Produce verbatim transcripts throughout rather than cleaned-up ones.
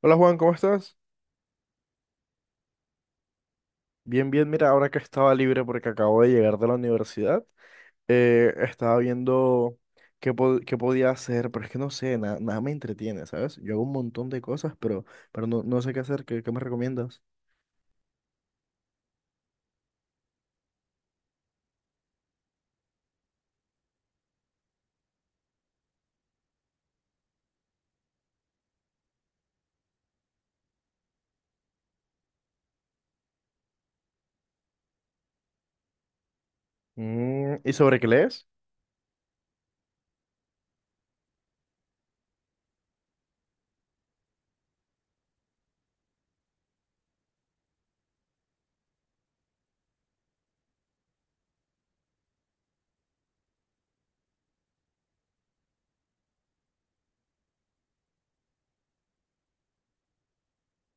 Hola Juan, ¿cómo estás? Bien, bien, mira, ahora que estaba libre porque acabo de llegar de la universidad, eh, estaba viendo qué, po- qué podía hacer, pero es que no sé, na- nada me entretiene, ¿sabes? Yo hago un montón de cosas, pero, pero no, no sé qué hacer, ¿qué, qué me recomiendas? Mm, ¿y sobre qué lees?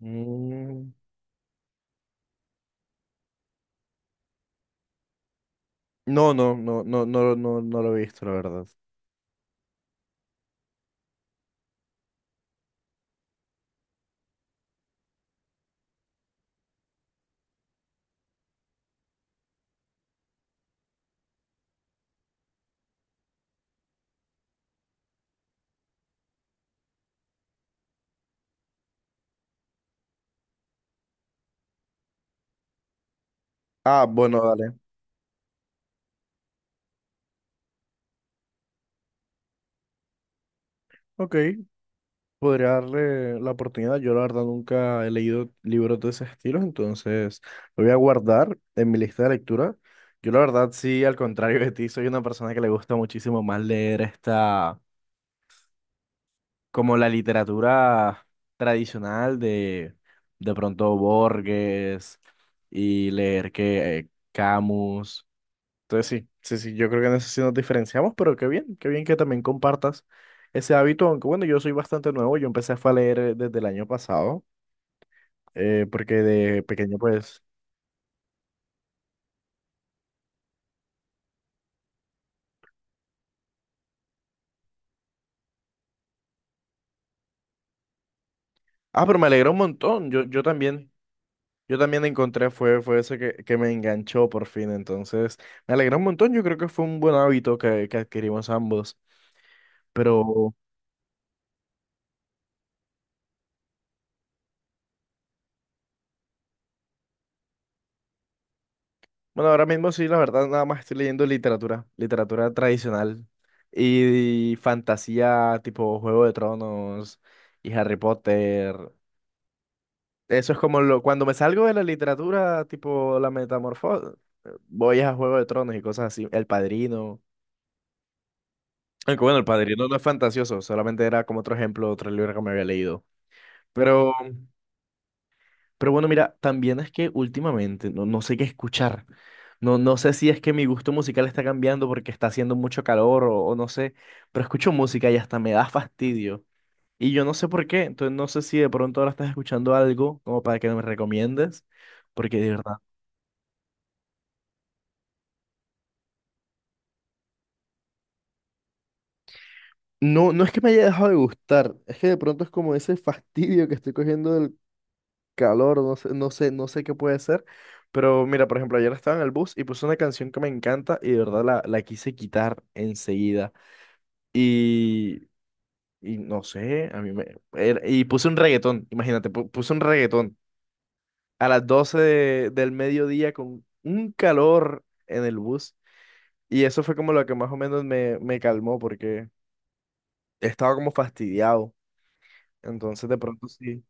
Mm, no, no, no, no, no, no, no lo he visto, la verdad. Ah, bueno, dale. Ok. Podría darle la oportunidad. Yo la verdad nunca he leído libros de ese estilo, entonces lo voy a guardar en mi lista de lectura. Yo la verdad sí, al contrario de ti, soy una persona que le gusta muchísimo más leer esta, como la literatura tradicional de de pronto Borges y leer que eh, Camus. Entonces sí, sí, sí, yo creo que en eso sí nos diferenciamos, pero qué bien, qué bien que también compartas ese hábito, aunque bueno, yo soy bastante nuevo, yo empecé fue a leer eh, desde el año pasado, eh, porque de pequeño pues... Ah, pero me alegró un montón, yo, yo también, yo también encontré, fue, fue eso que, que me enganchó por fin, entonces me alegró un montón, yo creo que fue un buen hábito que, que adquirimos ambos, pero... Bueno, ahora mismo sí, la verdad, nada más estoy leyendo literatura, literatura tradicional y, fantasía tipo Juego de Tronos y Harry Potter. Eso es como lo, cuando me salgo de la literatura, tipo la metamorfosis, voy a Juego de Tronos y cosas así, El Padrino. Aunque bueno, El Padrino no es fantasioso, solamente era como otro ejemplo, otro libro que me había leído. Pero Pero bueno, mira, también es que últimamente no, no sé qué escuchar. No, no sé si es que mi gusto musical está cambiando porque está haciendo mucho calor o, o no sé, pero escucho música y hasta me da fastidio. Y yo no sé por qué, entonces no sé si de pronto ahora estás escuchando algo como para que me recomiendes, porque de verdad. No, no es que me haya dejado de gustar, es que de pronto es como ese fastidio que estoy cogiendo del calor, no sé, no sé, no sé qué puede ser. Pero mira, por ejemplo, ayer estaba en el bus y puse una canción que me encanta y de verdad la, la quise quitar enseguida. Y, y no sé, a mí me... era- y puse un reggaetón, imagínate, pu- puse un reggaetón a las doce de- del mediodía con un calor en el bus. Y eso fue como lo que más o menos me, me calmó porque estaba como fastidiado. Entonces de pronto sí.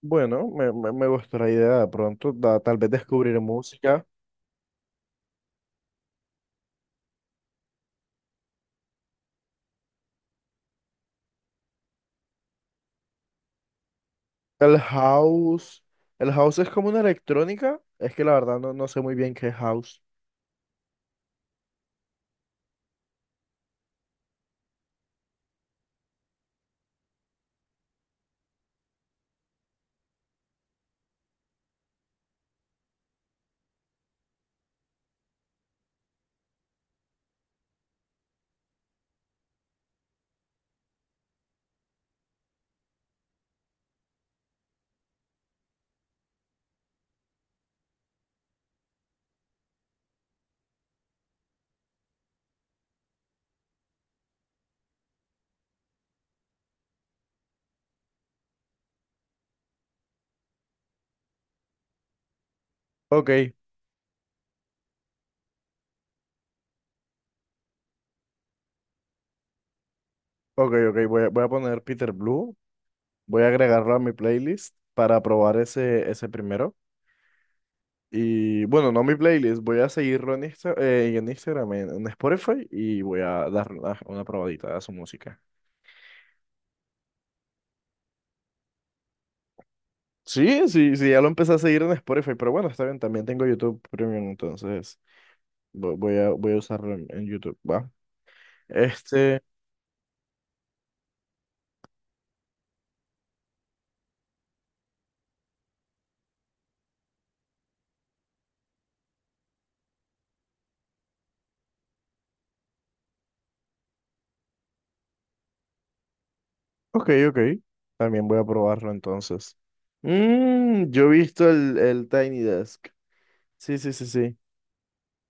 Bueno, me, me, me gustó la idea de pronto, da- tal vez descubrir música. El house, el house es como una electrónica, es que la verdad no, no sé muy bien qué es house. Ok, ok, ok, voy a, voy a poner Peter Blue, voy a agregarlo a mi playlist para probar ese, ese primero. Y bueno, no mi playlist, voy a seguirlo en, Insta- eh, en Instagram, en, en Spotify y voy a dar una, una probadita a su música. Sí, sí, sí, ya lo empecé a seguir en Spotify, pero bueno, está bien, también tengo YouTube Premium, entonces. Vo- Voy a, voy a usarlo en, en YouTube, ¿va? Este, ok, ok. También voy a probarlo entonces. Mm, yo he visto el, el Tiny Desk. Sí, sí, sí, sí.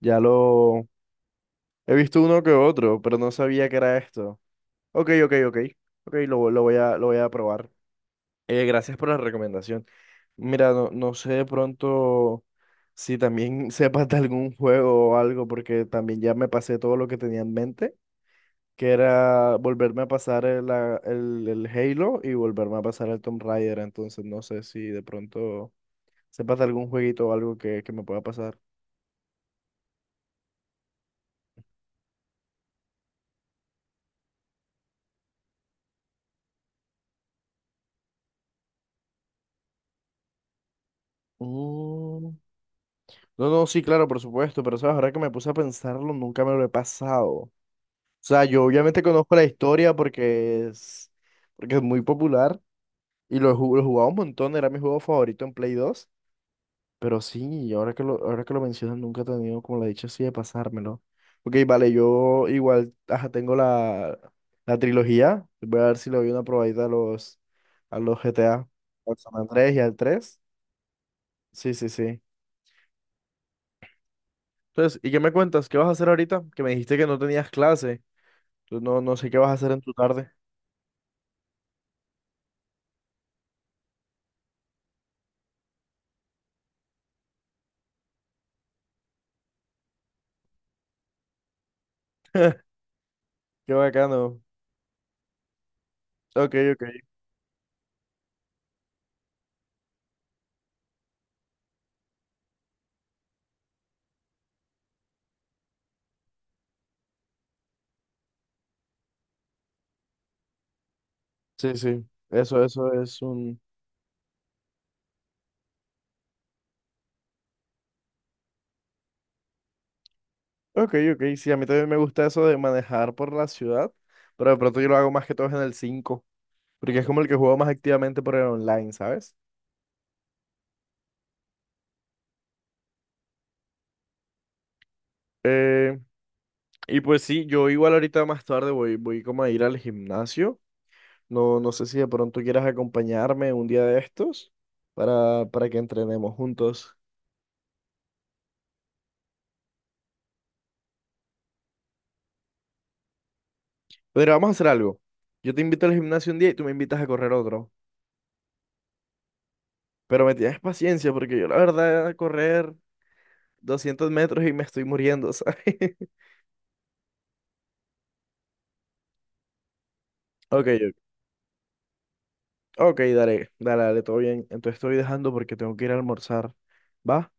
Ya lo he visto uno que otro, pero no sabía que era esto. Ok, ok, ok. Ok, lo, lo voy a, lo voy a probar. Eh, gracias por la recomendación. Mira, no, no sé de pronto si también sepas de algún juego o algo, porque también ya me pasé todo lo que tenía en mente, que era volverme a pasar el, la- el, el Halo y volverme a pasar el Tomb Raider. Entonces, no sé si de pronto sepas de algún jueguito o algo que, que me pueda pasar. Mm, no, no, sí, claro, por supuesto, pero sabes, ahora que me puse a pensarlo, nunca me lo he pasado. O sea, yo obviamente conozco la historia porque es, porque es muy popular y lo he, ju- lo he jugado un montón, era mi juego favorito en Play dos. Pero sí, ahora que lo, ahora que lo mencionas, nunca he tenido como la dicha así de pasármelo. Ok, vale, yo igual ajá, tengo la, la trilogía. Voy a ver si le doy una probadita a los, a los G T A, al San Andrés y al tres. Sí, sí, sí. Entonces, ¿y qué me cuentas? ¿Qué vas a hacer ahorita? Que me dijiste que no tenías clase. Entonces, no, no sé qué vas a hacer en tu tarde. Qué bacano. Ok, ok. Sí, sí. Eso, eso es un... Ok, ok. Sí, a mí también me gusta eso de manejar por la ciudad, pero de pronto yo lo hago más que todo en el cinco. Porque es como el que juego más activamente por el online, ¿sabes? Eh, y pues sí, yo igual ahorita más tarde voy, voy como a ir al gimnasio. No, no sé si de pronto quieras acompañarme un día de estos para, para que entrenemos juntos. Pero vamos a hacer algo. Yo te invito al gimnasio un día y tú me invitas a correr otro. Pero me tienes paciencia porque yo la verdad correr doscientos metros y me estoy muriendo, ¿sabes? Ok, ok, ok, dale, dale, dale, todo bien. Entonces estoy dejando porque tengo que ir a almorzar. ¿Va?